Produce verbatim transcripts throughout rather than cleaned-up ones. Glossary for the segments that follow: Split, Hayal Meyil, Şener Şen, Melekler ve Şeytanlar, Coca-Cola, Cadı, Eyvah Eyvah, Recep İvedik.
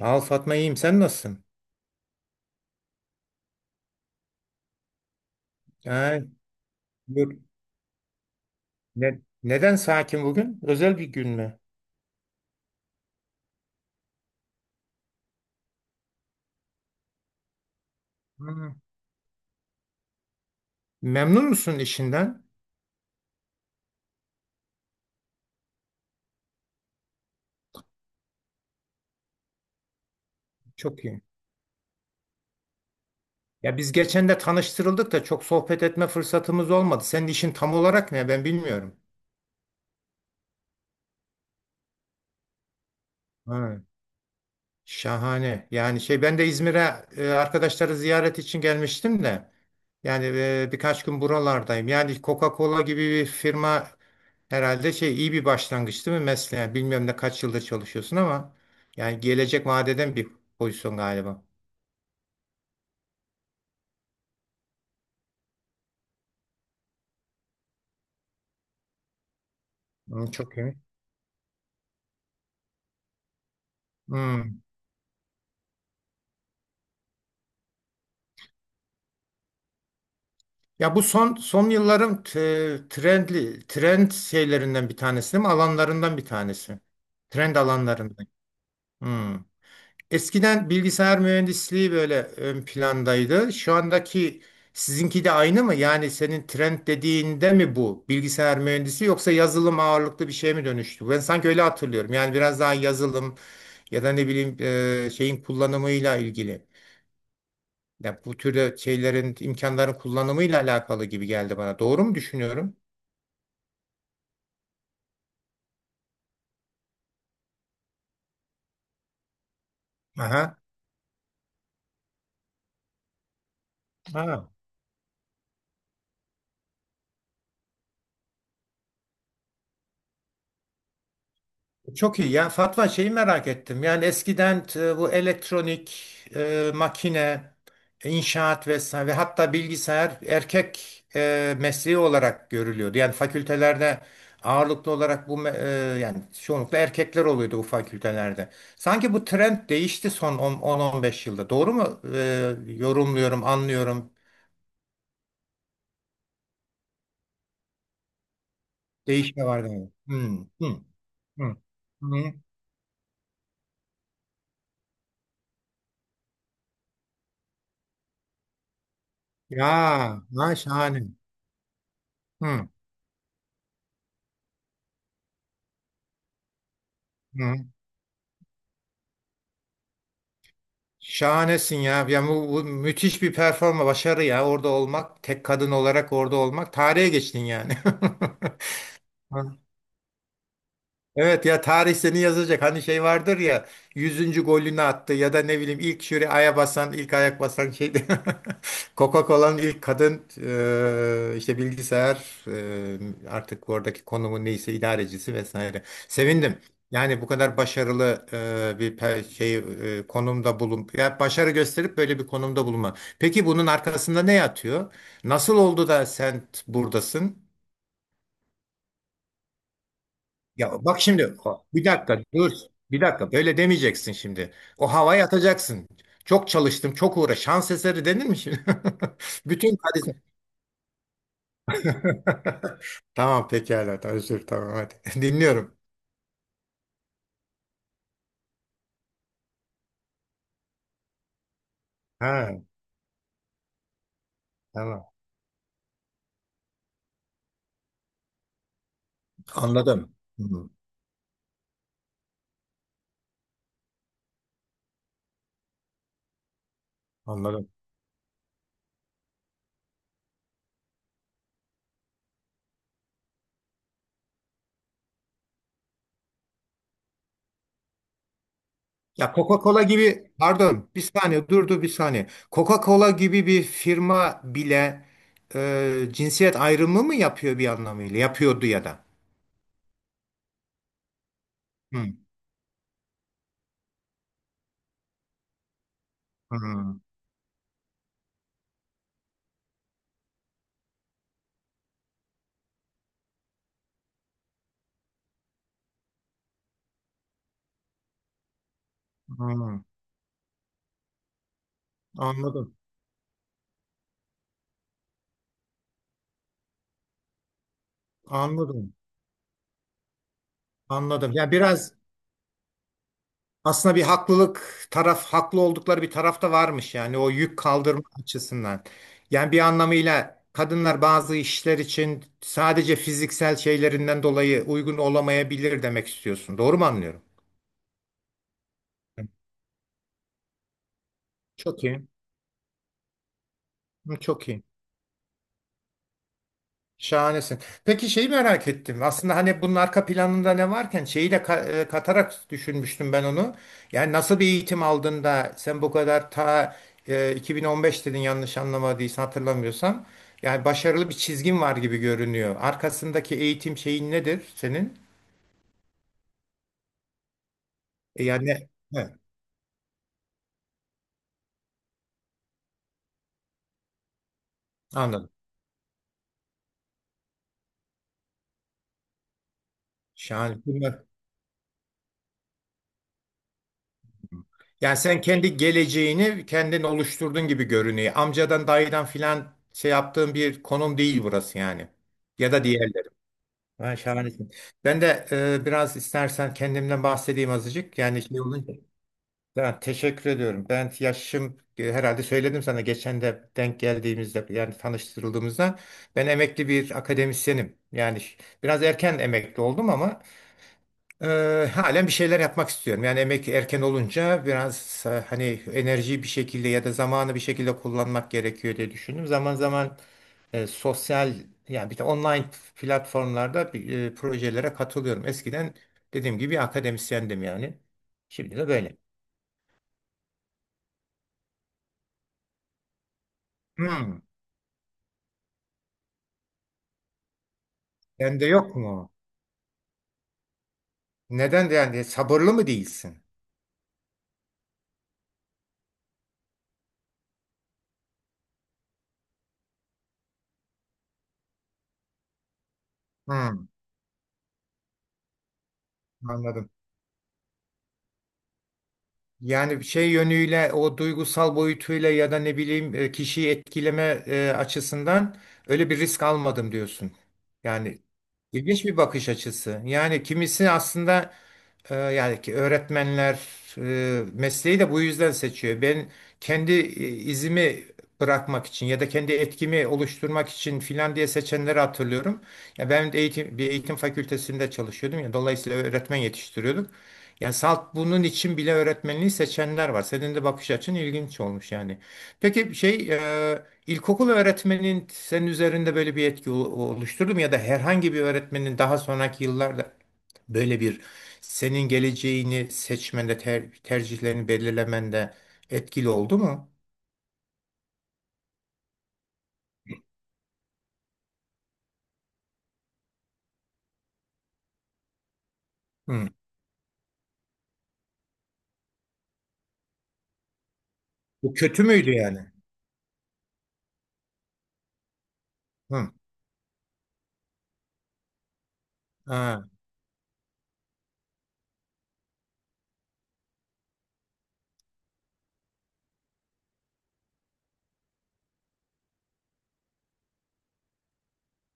Al Fatma iyiyim. Sen nasılsın? Ha, buyur. Ne- neden sakin bugün? Özel bir gün mü? Hı. Memnun musun işinden? Çok iyi. Ya biz geçen de tanıştırıldık da çok sohbet etme fırsatımız olmadı. Senin işin tam olarak ne? Ben bilmiyorum. Ha. Şahane. Yani şey ben de İzmir'e e, arkadaşları ziyaret için gelmiştim de yani e, birkaç gün buralardayım. Yani Coca-Cola gibi bir firma herhalde şey iyi bir başlangıç değil mi mesleğe? Yani bilmiyorum ne kaç yıldır çalışıyorsun ama yani gelecek vaat eden bir pozisyon galiba. Hmm, çok iyi. Hmm. Ya bu son son yılların t- trendli trend şeylerinden bir tanesi değil mi? Alanlarından bir tanesi. Trend alanlarından. Hmm. Eskiden bilgisayar mühendisliği böyle ön plandaydı. Şu andaki sizinki de aynı mı? Yani senin trend dediğinde mi bu bilgisayar mühendisi yoksa yazılım ağırlıklı bir şeye mi dönüştü? Ben sanki öyle hatırlıyorum. Yani biraz daha yazılım ya da ne bileyim e, şeyin kullanımıyla ilgili. Ya bu türde şeylerin imkanların kullanımıyla alakalı gibi geldi bana. Doğru mu düşünüyorum? Aha. Ha. Çok iyi. Ya Fatma şeyi merak ettim. Yani eskiden e, bu elektronik, e, makine, inşaat vesaire ve hatta bilgisayar erkek e, mesleği olarak görülüyordu. Yani fakültelerde ağırlıklı olarak bu me- e, yani çoğunlukla erkekler oluyordu bu fakültelerde. Sanki bu trend değişti son on on beş yılda. Doğru mu? E, yorumluyorum, anlıyorum. Değişme var demek. Hmm, hmm, hmm, hmm. Ya, ha, şahane. Hmm, hmm. Şahanesin ya. Yani bu, bu müthiş bir performa, başarı ya. Orada olmak, tek kadın olarak orada olmak. Tarihe geçtin yani. Evet ya, tarih seni yazacak. Hani şey vardır ya, yüzüncü golünü attı ya da ne bileyim ilk şuraya aya basan, ilk ayak basan şeydi. Coca-Cola'nın ilk kadın e, işte bilgisayar e, artık oradaki konumu neyse idarecisi vesaire. Sevindim. Yani bu kadar başarılı e, bir pe- şey e, konumda bulun. Ya başarı gösterip böyle bir konumda bulunma. Peki bunun arkasında ne yatıyor? Nasıl oldu da sen buradasın? Ya bak şimdi bir dakika dur. Bir dakika böyle demeyeceksin şimdi. O havaya atacaksın. Çok çalıştım, çok uğra. Şans eseri denir mi şimdi? Bütün hadise. Tamam pekala. Tamam, özür, tamam hadi. Dinliyorum. Ha, tamam. Anladım. Hı, anladım. Ya Coca-Cola gibi, pardon bir saniye, durdu bir saniye. Coca-Cola gibi bir firma bile e, cinsiyet ayrımı mı yapıyor bir anlamıyla? Yapıyordu ya da. Hı, hı, hı. Anladım. Anladım. Anladım. Ya biraz aslında bir haklılık taraf haklı oldukları bir taraf da varmış yani o yük kaldırma açısından. Yani bir anlamıyla kadınlar bazı işler için sadece fiziksel şeylerinden dolayı uygun olamayabilir demek istiyorsun. Doğru mu anlıyorum? Çok iyi. Çok iyi. Şahanesin. Peki şeyi merak ettim. Aslında hani bunun arka planında ne varken şeyi de ka- e, katarak düşünmüştüm ben onu. Yani nasıl bir eğitim aldın da sen bu kadar ta e, iki bin on beş dedin yanlış anlamadıysam hatırlamıyorsam. Yani başarılı bir çizgin var gibi görünüyor. Arkasındaki eğitim şeyin nedir senin? E, Yani he, anladım. Şahane. Bunlar- Yani sen kendi geleceğini kendin oluşturdun gibi görünüyor. Amcadan dayıdan filan şey yaptığın bir konum değil burası yani. Ya da diğer. Ha, şahanesin. Ben de e, biraz istersen kendimden bahsedeyim azıcık. Yani şey olunca. Ya, teşekkür ediyorum. Ben yaşım e, herhalde söyledim sana geçen de denk geldiğimizde yani tanıştırıldığımızda ben emekli bir akademisyenim. Yani ş- biraz erken emekli oldum ama Eee, halen bir şeyler yapmak istiyorum. Yani emekli erken olunca biraz e, hani enerjiyi bir şekilde ya da zamanı bir şekilde kullanmak gerekiyor diye düşündüm. Zaman zaman e, sosyal yani bir de online platformlarda bir, e, projelere katılıyorum. Eskiden dediğim gibi akademisyendim yani. Şimdi de böyle. Hmm. Sende yok mu? Neden de yani sabırlı mı değilsin? Hmm, anladım. Yani şey yönüyle o duygusal boyutuyla ya da ne bileyim e, kişiyi etkileme e, açısından öyle bir risk almadım diyorsun. Yani ilginç bir bakış açısı. Yani kimisi aslında ee, yani ki öğretmenler e, mesleği de bu yüzden seçiyor. Ben kendi e, izimi bırakmak için ya da kendi etkimi oluşturmak için filan diye seçenleri hatırlıyorum. Ya ben de eğitim bir eğitim fakültesinde çalışıyordum ya dolayısıyla öğretmen yetiştiriyorduk. Yani salt bunun için bile öğretmenliği seçenler var. Senin de bakış açın ilginç olmuş yani. Peki şey e, ilkokul öğretmenin senin üzerinde böyle bir etki o- oluşturdu mu ya da herhangi bir öğretmenin daha sonraki yıllarda böyle bir senin geleceğini seçmende, ter- tercihlerini belirlemende etkili oldu mu? Hı. Bu kötü müydü yani? Hı. Ha.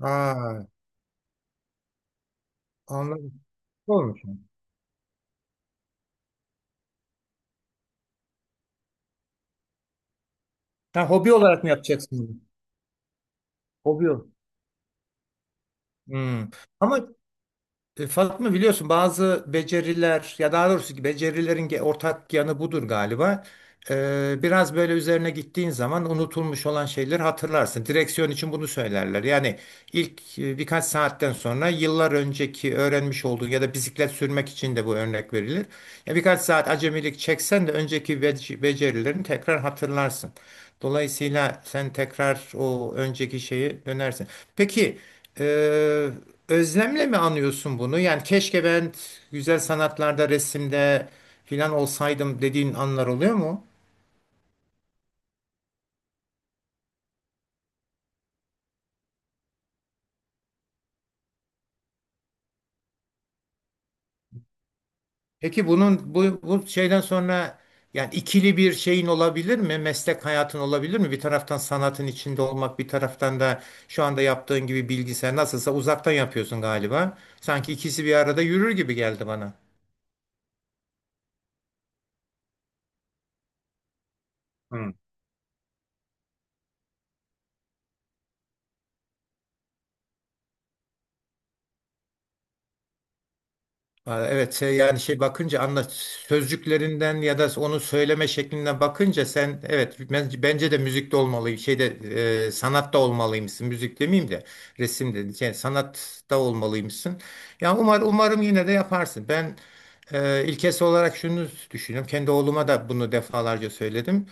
Aa, anladım. Olmuş. Ha, hobi olarak mı yapacaksın bunu? Hobi. ol- Hmm. Ama e, Fatma biliyorsun bazı beceriler ya daha doğrusu ki becerilerin ge- ortak yanı budur galiba. Ee, biraz böyle üzerine gittiğin zaman unutulmuş olan şeyleri hatırlarsın. Direksiyon için bunu söylerler. Yani İlk e, birkaç saatten sonra yıllar önceki öğrenmiş olduğun ya da bisiklet sürmek için de bu örnek verilir. Ya birkaç saat acemilik çeksen de önceki bec- becerilerini tekrar hatırlarsın. Dolayısıyla sen tekrar o önceki şeyi dönersin. Peki e, özlemle mi anıyorsun bunu? Yani keşke ben güzel sanatlarda, resimde filan olsaydım dediğin anlar oluyor mu? Peki bunun bu, bu şeyden sonra yani ikili bir şeyin olabilir mi? Meslek hayatın olabilir mi? Bir taraftan sanatın içinde olmak, bir taraftan da şu anda yaptığın gibi bilgisayar nasılsa uzaktan yapıyorsun galiba. Sanki ikisi bir arada yürür gibi geldi bana. Aa, evet şey, yani şey bakınca anla sözcüklerinden ya da onu söyleme şeklinden bakınca sen evet bence, bence de müzikte olmalıyım şeyde e, sanatta olmalıymışsın, müzik demeyeyim de resim dedim, yani sanatta olmalıymışsın. Yani umar, umarım yine de yaparsın. Ben e, ilkesi olarak şunu düşünüyorum, kendi oğluma da bunu defalarca söyledim.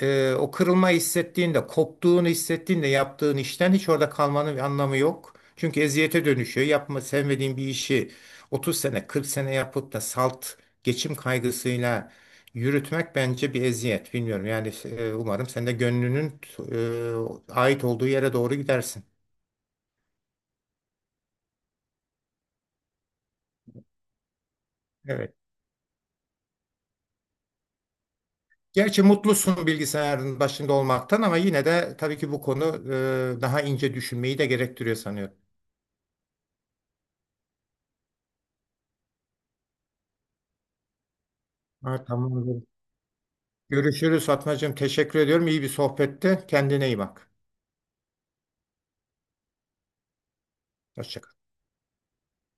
E, o kırılma hissettiğinde koptuğunu hissettiğinde yaptığın işten hiç orada kalmanın bir anlamı yok. Çünkü eziyete dönüşüyor. Yapma sevmediğin bir işi otuz sene kırk sene yapıp da salt geçim kaygısıyla yürütmek bence bir eziyet. Bilmiyorum yani e, umarım sen de gönlünün e, ait olduğu yere doğru gidersin. Evet. Gerçi mutlusun bilgisayarın başında olmaktan ama yine de tabii ki bu konu e, daha ince düşünmeyi de gerektiriyor sanıyorum. Ha, tamamdır. Görüşürüz Fatmacığım. Teşekkür ediyorum. İyi bir sohbetti. Kendine iyi bak. Hoşça kal.